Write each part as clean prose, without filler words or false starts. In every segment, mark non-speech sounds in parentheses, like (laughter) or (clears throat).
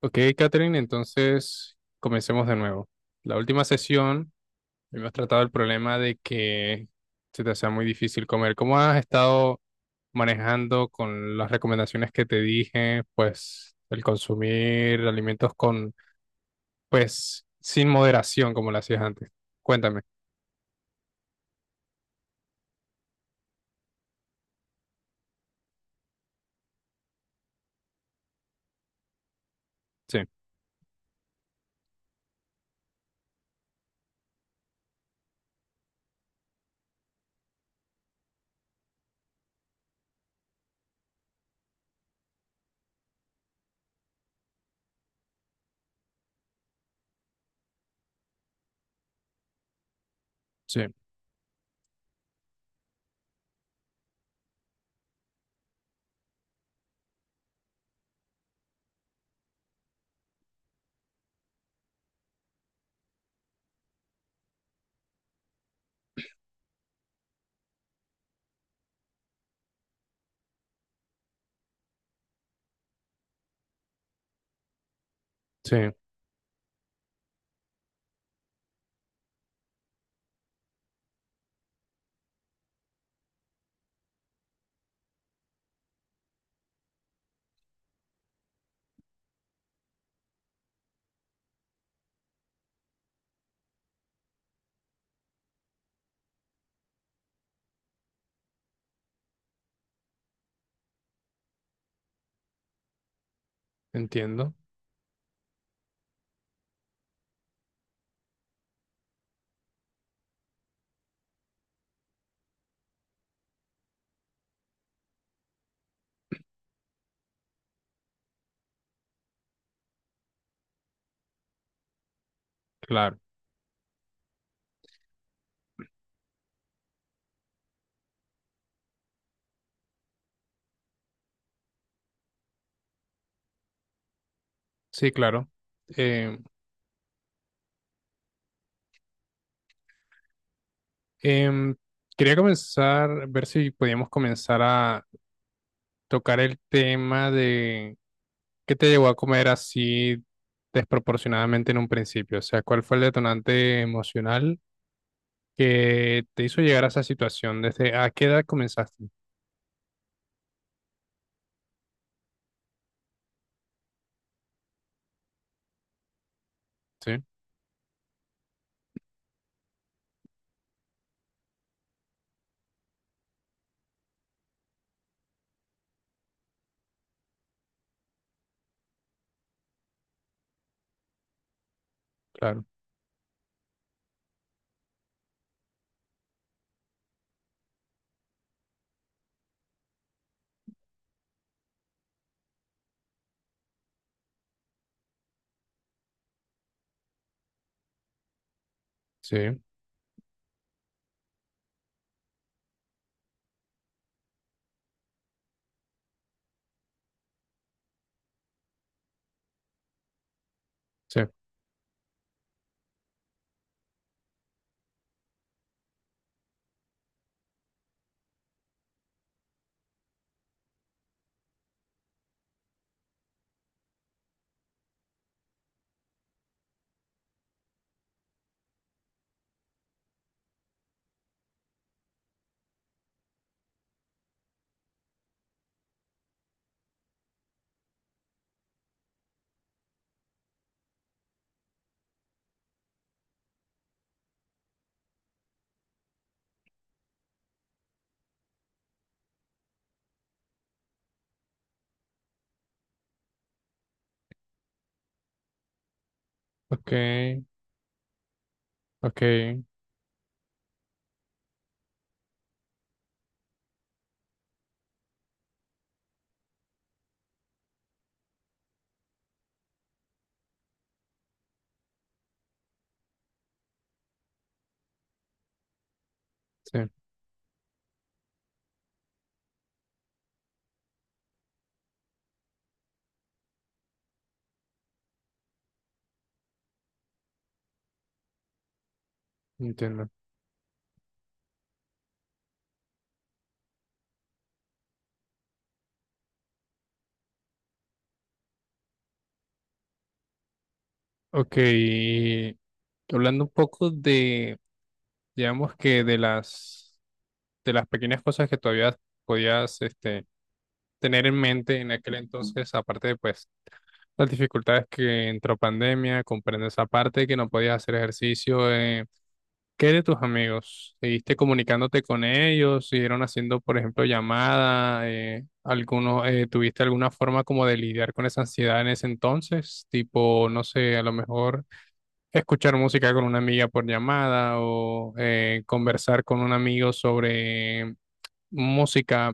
Ok, Catherine, entonces comencemos de nuevo. La última sesión hemos tratado el problema de que se te hacía muy difícil comer. ¿Cómo has estado manejando con las recomendaciones que te dije? Pues el consumir alimentos con, pues, sin moderación como lo hacías antes. Cuéntame. Sí, sí, sí, entiendo. Claro, sí, claro. Eh, em, Quería comenzar, ver si podíamos comenzar a tocar el tema de qué te llevó a comer así desproporcionadamente en un principio. O sea, ¿cuál fue el detonante emocional que te hizo llegar a esa situación? ¿Desde a qué edad comenzaste? Sí, claro. Sí, sí. Ok, ok, sí, entiendo. Ok, y hablando un poco de, digamos que de las pequeñas cosas que todavía podías, este, tener en mente en aquel entonces, aparte de pues las dificultades que entró pandemia, comprendo esa parte, que no podías hacer ejercicio. ¿Qué de tus amigos? ¿Seguiste comunicándote con ellos? ¿Siguieron haciendo, por ejemplo, llamada? ¿Alguno, ¿tuviste alguna forma como de lidiar con esa ansiedad en ese entonces? Tipo, no sé, a lo mejor escuchar música con una amiga por llamada o conversar con un amigo sobre música.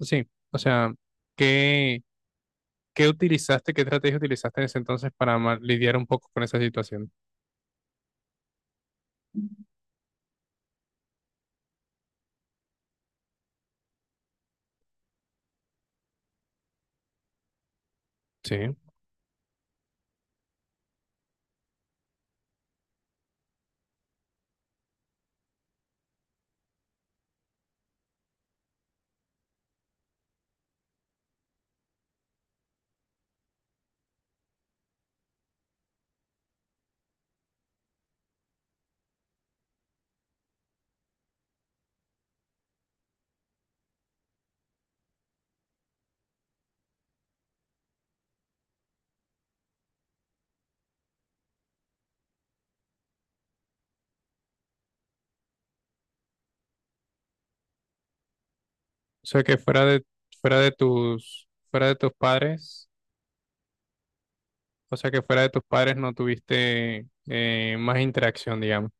Sí, o sea, ¿qué? ¿Qué utilizaste, qué estrategia utilizaste en ese entonces para lidiar un poco con esa situación? Sí. O sea que fuera de tus padres, o sea que fuera de tus padres no tuviste más interacción, digamos.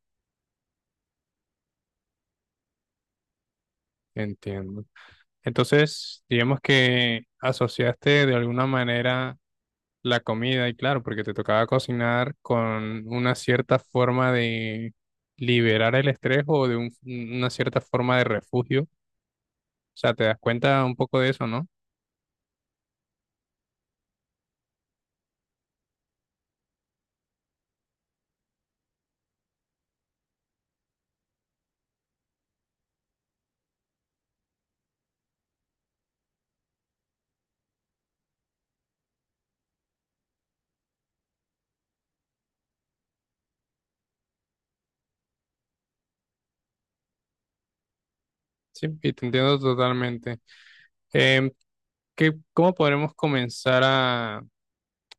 Entiendo. Entonces, digamos que asociaste de alguna manera la comida, y claro, porque te tocaba cocinar con una cierta forma de liberar el estrés o de una cierta forma de refugio. O sea, te das cuenta un poco de eso, ¿no? Sí, y te entiendo totalmente. Em, ¿Qué- cómo podremos comenzar a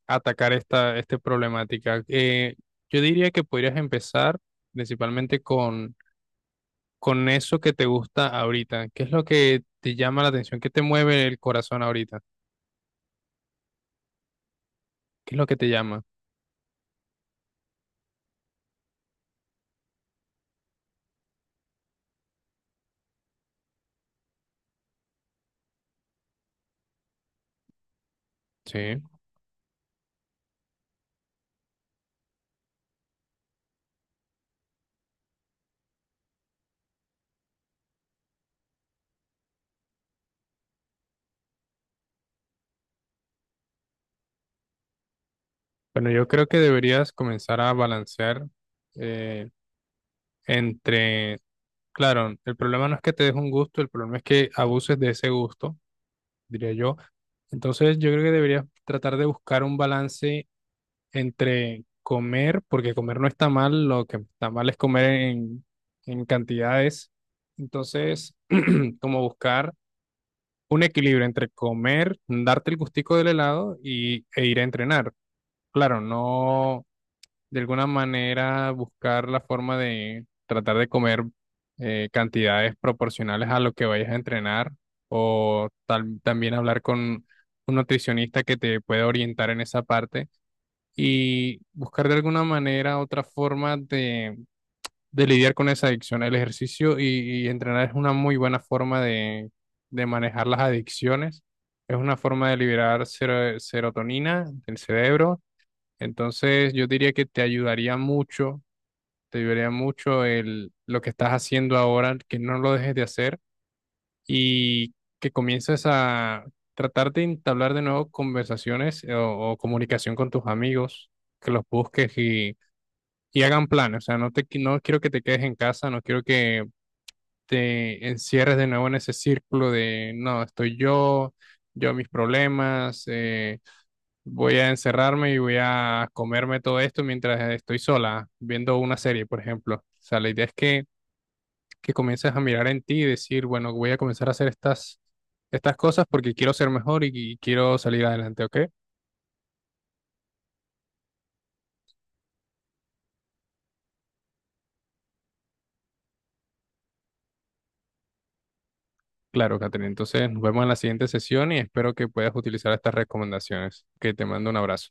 atacar esta, esta problemática? Yo diría que podrías empezar principalmente con eso que te gusta ahorita. ¿Qué es lo que te llama la atención? ¿Qué te mueve el corazón ahorita? ¿Qué es lo que te llama? Sí. Bueno, yo creo que deberías comenzar a balancear eh, entre, claro, el problema no es que te des un gusto, el problema es que abuses de ese gusto, diría yo. Entonces, yo creo que deberías tratar de buscar un balance entre comer, porque comer no está mal, lo que está mal es comer en cantidades. Entonces, (clears throat) como buscar un equilibrio entre comer, darte el gustico del helado y, e ir a entrenar. Claro, no, de alguna manera buscar la forma de tratar de comer cantidades proporcionales a lo que vayas a entrenar o también hablar con un nutricionista que te pueda orientar en esa parte y buscar de alguna manera otra forma de lidiar con esa adicción. El ejercicio y entrenar es una muy buena forma de manejar las adicciones. Es una forma de liberar serotonina del cerebro. Entonces, yo diría que te ayudaría mucho el, lo que estás haciendo ahora, que no lo dejes de hacer y que comiences a tratar de entablar de nuevo conversaciones o comunicación con tus amigos, que los busques y hagan planes. O sea, no te, no quiero que te quedes en casa, no quiero que te encierres de nuevo en ese círculo de, no, estoy yo, yo mis problemas, voy a encerrarme y voy a comerme todo esto mientras estoy sola viendo una serie, por ejemplo. O sea, la idea es que comiences a mirar en ti y decir, bueno, voy a comenzar a hacer estas, estas cosas porque quiero ser mejor y quiero salir adelante, ¿ok? Claro, Catherine. Entonces nos vemos en la siguiente sesión y espero que puedas utilizar estas recomendaciones. Que te mando un abrazo.